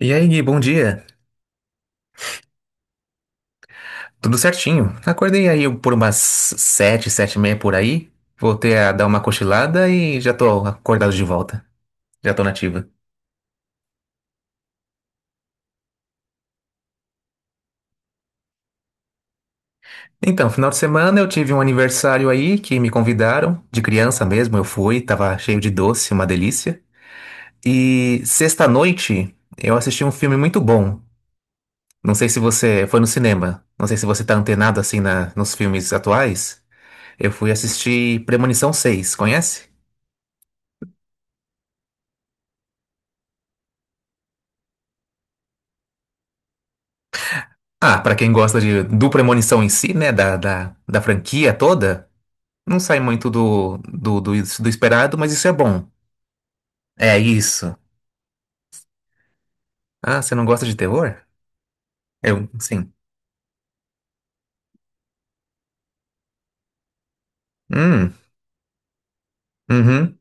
E aí, Gui, bom dia. Tudo certinho. Acordei aí por umas 7, 7:30 por aí. Voltei a dar uma cochilada e já tô acordado de volta. Já tô nativa. Então, final de semana eu tive um aniversário aí que me convidaram. De criança mesmo, eu fui. Tava cheio de doce, uma delícia. E sexta-noite eu assisti um filme muito bom. Não sei se você foi no cinema. Não sei se você tá antenado assim nos filmes atuais. Eu fui assistir Premonição 6. Conhece? Ah, pra quem gosta de, do Premonição em si, né, da franquia toda, não sai muito do esperado, mas isso é bom. É isso. Ah, você não gosta de terror? Eu, sim. Hum, uhum.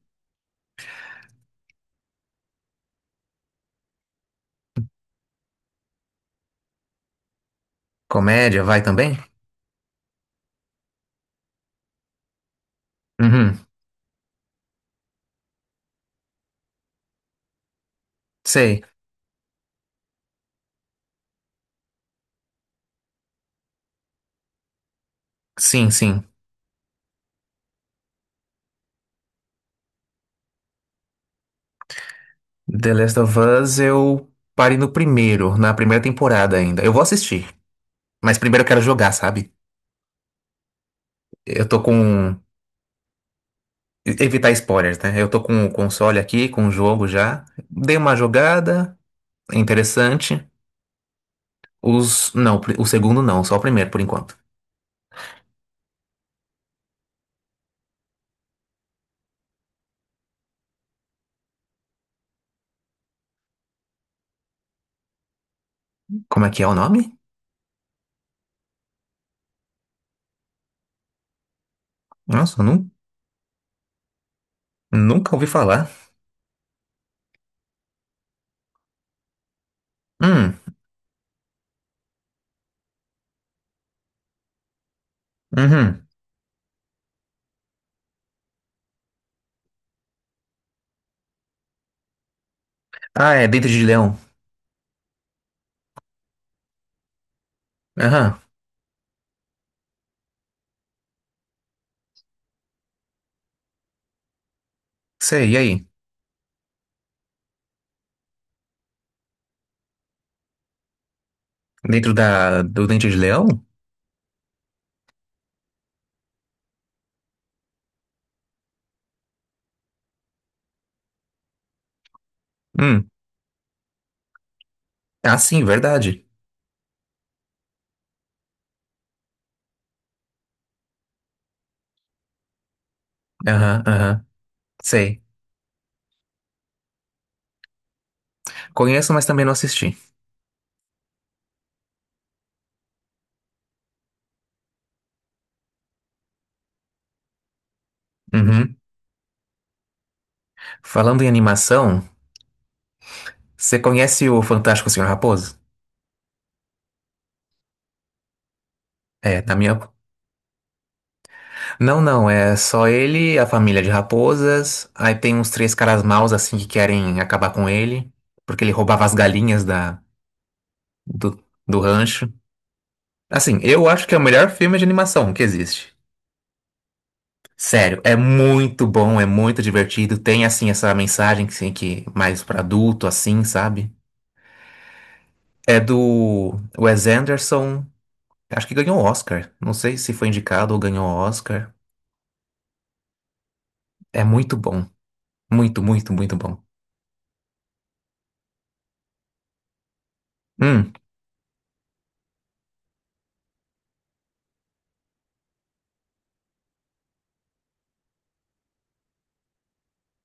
Comédia, vai também? Uhum, sei. Sim, sim. The Last of Us eu parei no primeiro, na primeira temporada ainda. Eu vou assistir, mas primeiro eu quero jogar, sabe? Eu tô com... Evitar spoilers, né? Eu tô com o console aqui, com o jogo já. Dei uma jogada... É interessante. Os. Não, o segundo não, só o primeiro por enquanto. Como é que é o nome? Nossa, nunca ouvi falar. Hum, uhum. Ah, é Dente de Leão. Aham, sei, e aí? Dentro da, do Dente de Leão? Hum, ah, sim, verdade. Aham, aham, sei. Conheço, mas também não assisti. Uhum. Falando em animação, você conhece o Fantástico Senhor Raposo? É, na minha, Não, não, é só ele, a família de raposas. Aí tem uns três caras maus assim que querem acabar com ele, porque ele roubava as galinhas da, do, do rancho. Assim, eu acho que é o melhor filme de animação que existe. Sério, é muito bom, é muito divertido. Tem assim essa mensagem que, assim, que mais pra adulto, assim, sabe? É do Wes Anderson. Acho que ganhou o Oscar. Não sei se foi indicado ou ganhou o Oscar. É muito bom. Muito, muito, muito bom. Hum,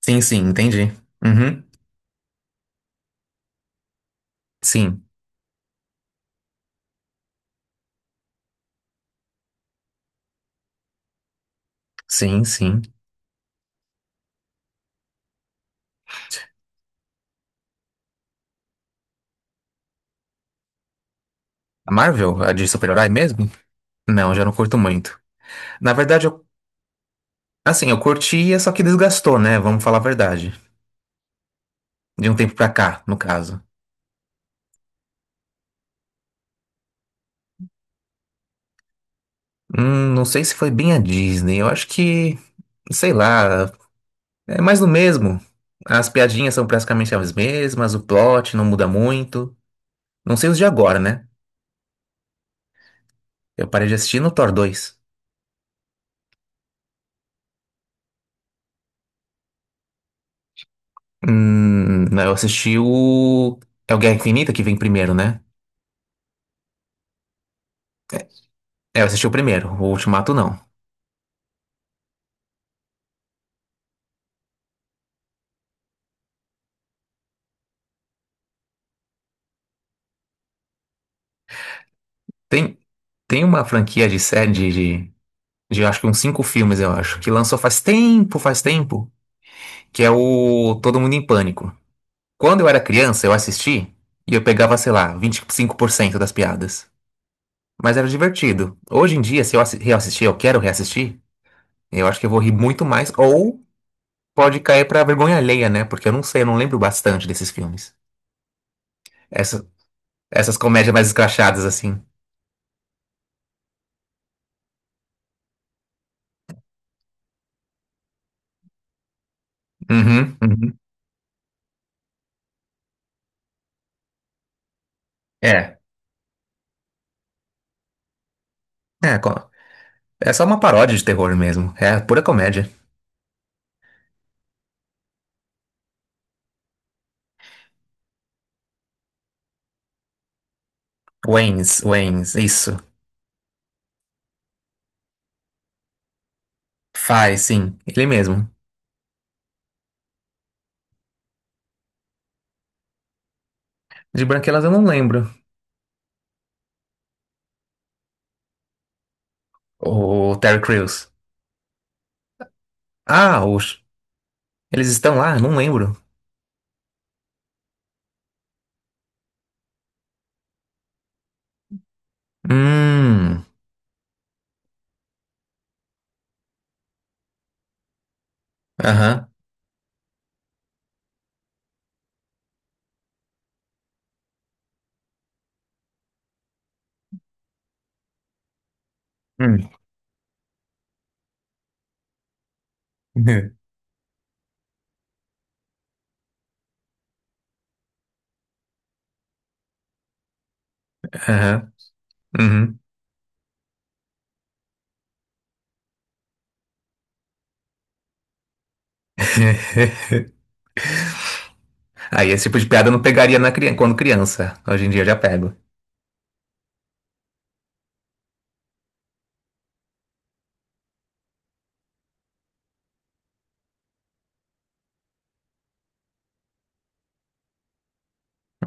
sim, sim, entendi. Uhum. Sim, sim, sim. A Marvel, a de super-herói mesmo? Não, já não curto muito. Na verdade, eu, assim, eu curtia, só que desgastou, né? Vamos falar a verdade. De um tempo pra cá, no caso. Não sei se foi bem a Disney. Eu acho que, sei lá, é mais do mesmo. As piadinhas são praticamente as mesmas, o plot não muda muito. Não sei os de agora, né? Eu parei de assistir no Thor 2. Não, eu assisti o. É o Guerra Infinita que vem primeiro, né? É, eu assisti o primeiro, o Ultimato não. Tem, tem uma franquia de série de, de acho que uns cinco filmes, eu acho, que lançou faz tempo, que é o Todo Mundo em Pânico. Quando eu era criança, eu assisti e eu pegava, sei lá, 25% das piadas. Mas era divertido. Hoje em dia, se reassistir, eu quero reassistir, eu acho que eu vou rir muito mais, ou pode cair pra vergonha alheia, né? Porque eu não sei, eu não lembro bastante desses filmes. Essa, Essas comédias mais escrachadas, assim. Uhum, uhum. É. É, é só uma paródia de terror mesmo. É pura comédia. Waynes, Waynes, isso. Faz, sim, ele mesmo. De Branquelas eu não lembro. O Terry Crews. Ah, eles estão lá? Não lembro. Hum. Aham. Hum. Aham. Uhum. Aí esse tipo de piada eu não pegaria quando criança. Hoje em dia eu já pego.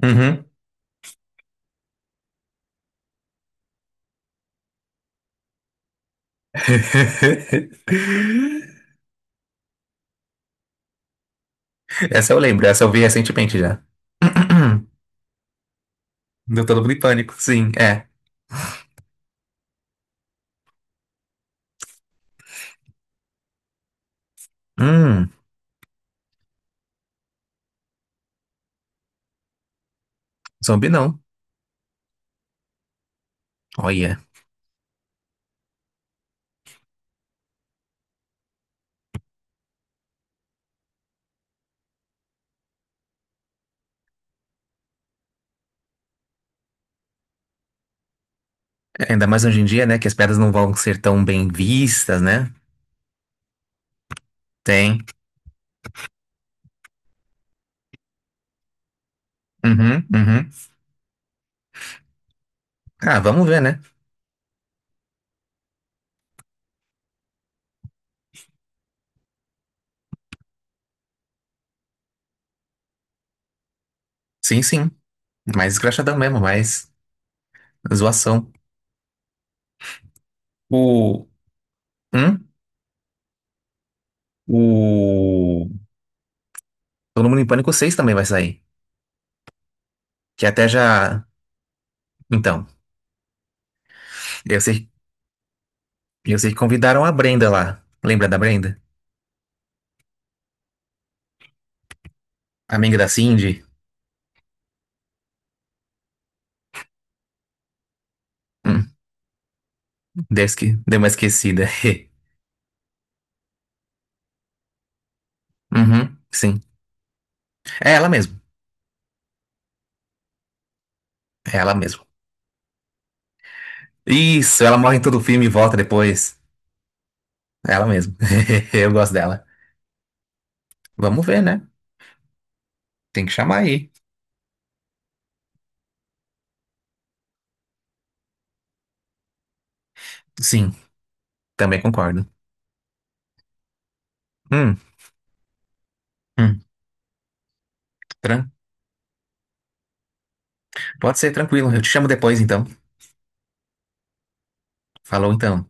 Uhum. Essa eu lembro, essa eu vi recentemente já. Deu todo mundo em pânico. Sim, é. Hum, zumbi não. Olha. Ainda mais hoje em dia, né? Que as pedras não vão ser tão bem vistas, né? Tem. Uhum, uhum. Ah, vamos ver, né? Sim, sim. Mais escrachadão mesmo, mais zoação. O. Hum? O. Todo Mundo em Pânico 6 também vai sair. Que até já. Então, eu sei, eu sei que convidaram a Brenda lá. Lembra da Brenda? Amiga da Cindy? Hum, deu uma esquecida. Uhum, sim. É ela mesmo. É ela mesmo. Isso, ela morre em todo o filme e volta depois. Ela mesma. Eu gosto dela. Vamos ver, né? Tem que chamar aí. Sim, também concordo. Hum, hum, tran- Pode ser tranquilo. Eu te chamo depois, então. Falou, então.